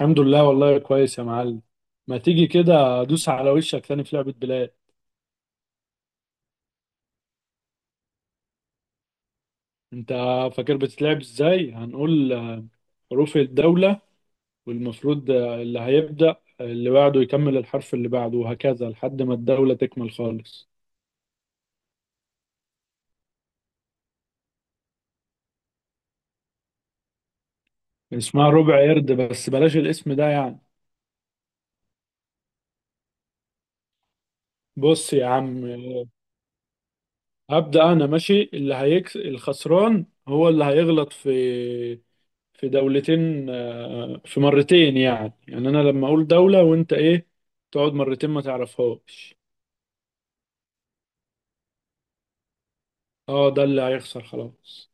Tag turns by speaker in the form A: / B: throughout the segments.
A: الحمد لله والله كويس يا معلم. ما تيجي كده ادوس على وشك تاني في لعبة بلاد؟ انت فاكر بتتلعب ازاي؟ هنقول حروف الدولة، والمفروض اللي هيبدأ اللي بعده يكمل الحرف اللي بعده، وهكذا لحد ما الدولة تكمل خالص. اسمها ربع قرد بس بلاش الاسم ده يعني. بص يا عم. هبدأ انا. ماشي، اللي هيكس الخسران هو اللي هيغلط في دولتين، في مرتين يعني. انا لما اقول دولة وانت ايه، تقعد مرتين ما تعرفهاش. اه ده اللي هيخسر خلاص.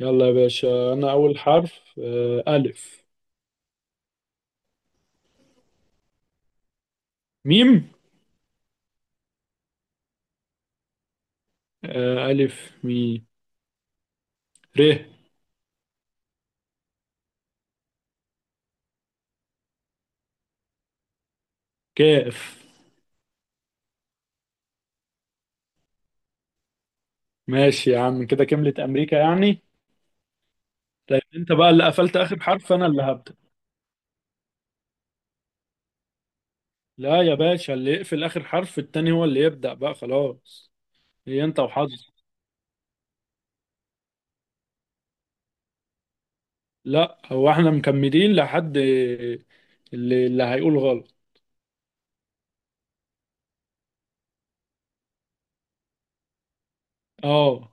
A: يلا يا باشا، انا اول حرف. الف. ميم. الف ميم ر كاف. ماشي يا عم، كده كملت امريكا يعني. طيب انت بقى اللي قفلت اخر حرف، انا اللي هبدأ. لا يا باشا، اللي يقفل اخر حرف التاني هو اللي يبدأ بقى، خلاص. هي انت وحظك. لا، هو احنا مكملين لحد اللي هيقول غلط. اه،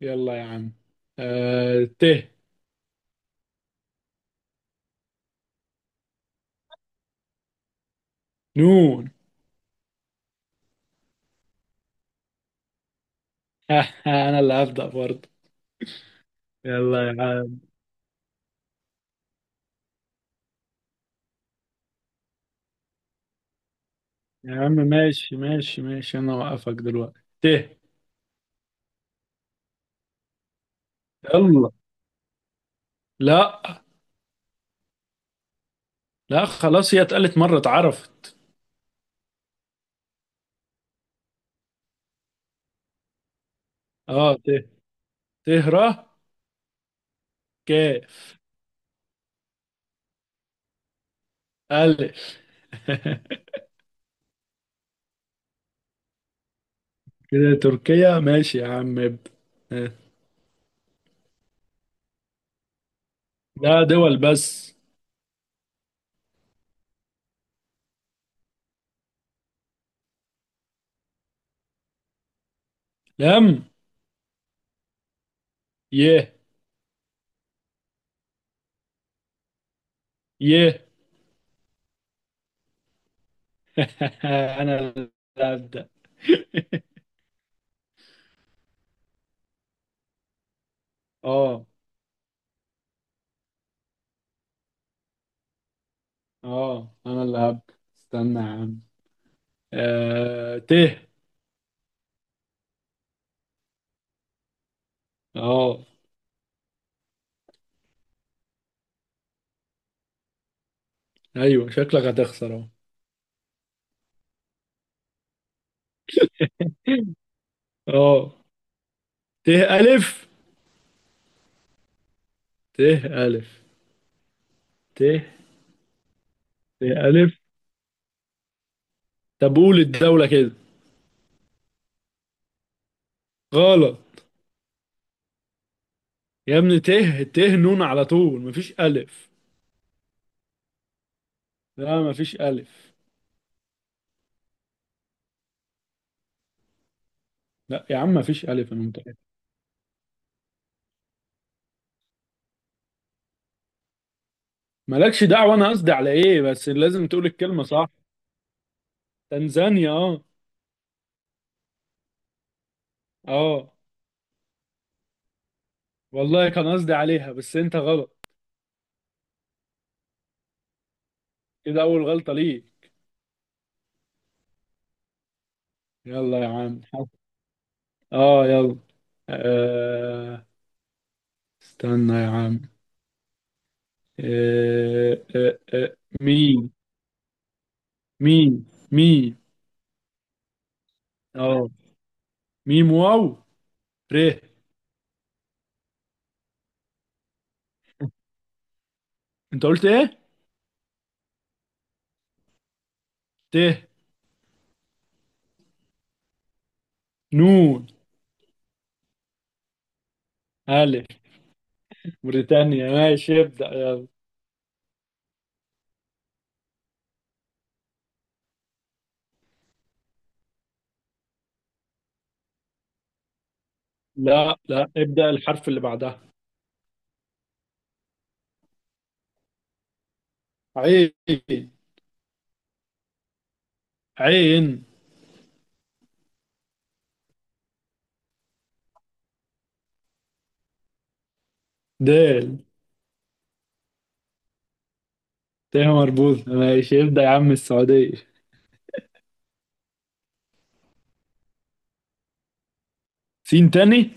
A: يلا يا عم. ت. نون. انا اللي هبدأ برضه. يلا يا عم. يا عم ماشي ماشي ماشي، انا اوقفك دلوقتي. ت. يلا. لا. لا خلاص، هي اتقالت مرة اتعرفت. اه، ت. ت ر. كاف. الف. كده تركيا. ماشي يا عم، ابدأ. آه. لا، دول بس. لم. ي. ي. انا اللي هبدأ. اه. اه انا اللي هب استنى يا عم. ت. اه. ايوه، شكلك هتخسر اهو. اه، ت الف. ت الف. ت. ت الف. طب قول الدولة كده. غلط. يا ابني ت نون على طول، مفيش الف. لا مفيش الف. لا يا عم مفيش الف، انا متأكد. مالكش دعوة انا قصدي على ايه، بس لازم تقول الكلمة صح. تنزانيا، اه. اه والله كان قصدي عليها، بس انت غلط. كده اول غلطة ليك. يلا يا عم. اه يلا. آه استنى يا عم. ميم. ميم. ميم. اه، ميم واو. ر. انت قلت ايه؟ ت. نون. الف. موريتانيا، ماشي ابدأ يلا. لا لا، ابدأ الحرف اللي بعدها. عين. عين. دال. ت مربوط، ماشي ابدأ يا عم، السعودية. سين تاني.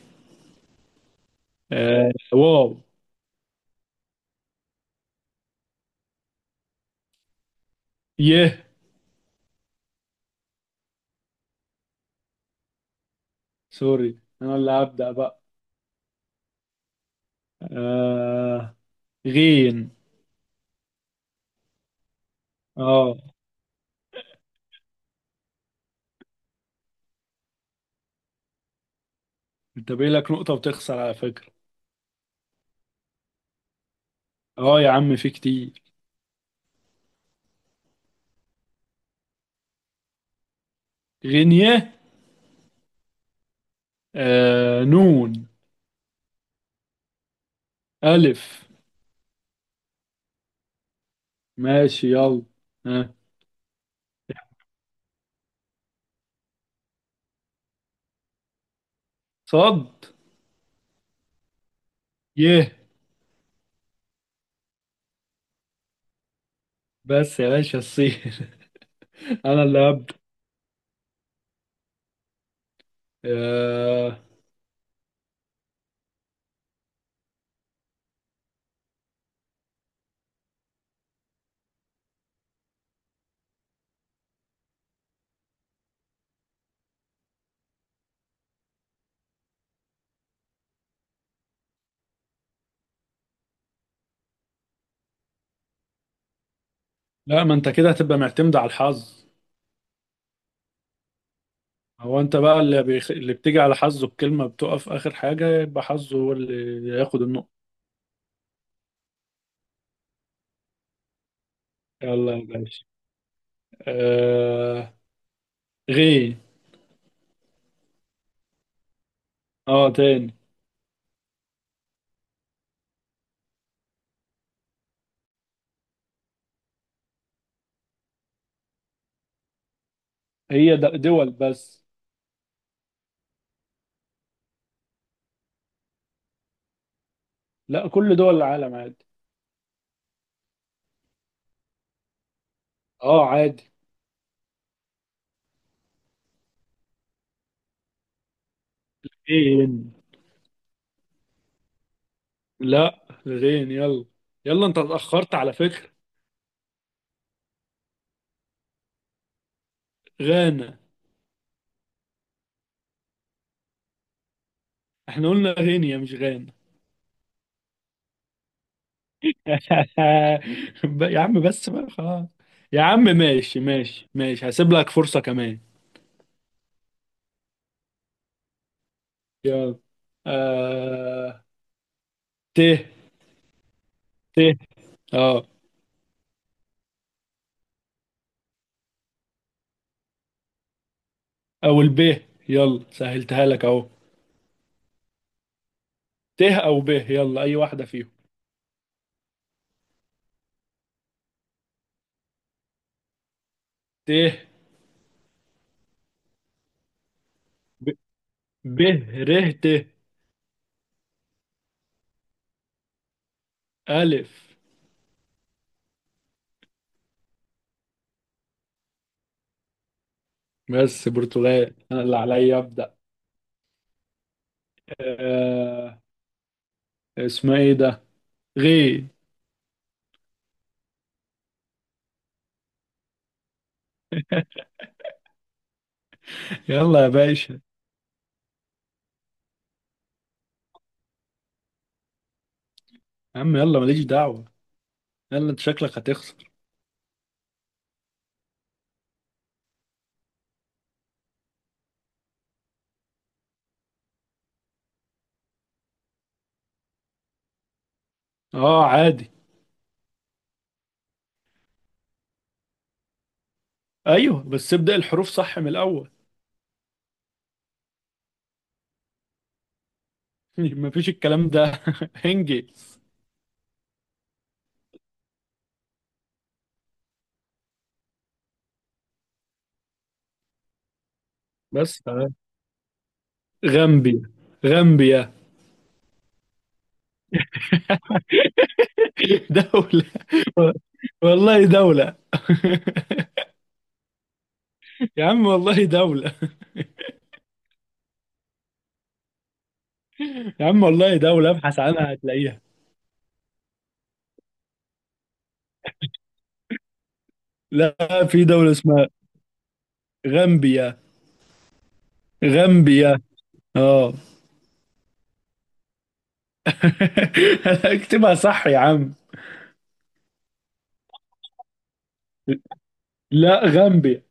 A: آه واو. يه. سوري، انا اللي هبدأ بقى. آه غين. اه، انت باقي لك نقطة وتخسر على فكرة. اه يا عم، في كتير. غينية. نون. ألف. ماشي يلا. ها. صد. يه. بس يا باشا، الصين. أنا اللي هبدأ. آه. لا، ما أنت كده هتبقى معتمد على الحظ. هو أنت بقى اللي بيخ... اللي بتيجي على حظه بكلمة بتقف آخر حاجة، يبقى حظه هو اللي ياخد النقطة. يلا يا باشا. آه غين. اه تاني. هي د- دول بس. لا، كل دول العالم عادي. اه عادي. غين. لا، غين يلا. يلا انت اتأخرت على فكرة. غانا. احنا قلنا غينيا مش غانا. ب- يا عم بس بقى خلاص. يا عم ماشي ماشي ماشي، هسيب لك فرصة كمان. يلا. آه... ت. ت. اه، او الب، يلا سهلتها لك اهو. ت او ب، يلا اي واحدة فيهم. ت. ب. ب ر ت. ألف. بس برتغال، انا اللي عليا ابدأ. آه، اسمها ايه ده؟ غي. يلا يا باشا. يا عم يلا، ماليش دعوة. يلا انت شكلك هتخسر. اه عادي. ايوه بس ابدأ الحروف صح من الاول. مفيش الكلام ده. انجز. بس تمام. غامبيا. غامبيا. دولة. والله دولة. يا عم والله دولة. يا عم والله دولة، ابحث عنها هتلاقيها. لا، في دولة اسمها غامبيا. غامبيا. اه. اكتبها صح يا عم. لا، غامبيا.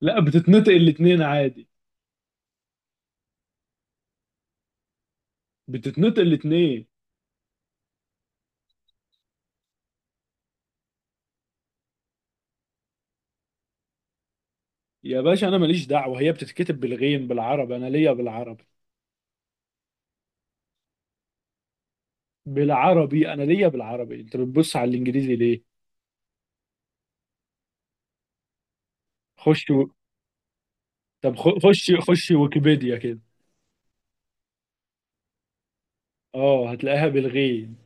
A: لا، بتتنطق الاتنين عادي. بتتنطق الاتنين. يا باشا انا ماليش دعوه، هي بتتكتب بالغين بالعربي، انا ليا بالعربي. بالعربي، انا ليا بالعربي، انت بتبص على الانجليزي ليه؟ خش و... طب خش ويكيبيديا كده. اه هتلاقيها بالغين.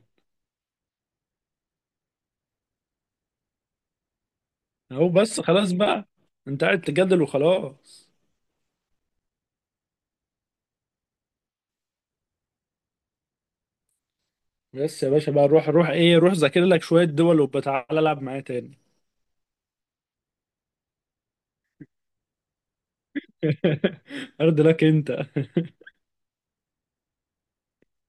A: اهو بس خلاص بقى، انت قاعد تجادل وخلاص. بس يا باشا بقى، روح روح ايه، روح ذاكر لك شويه دول وبتعالى العب معايا تاني. ارض لك انت.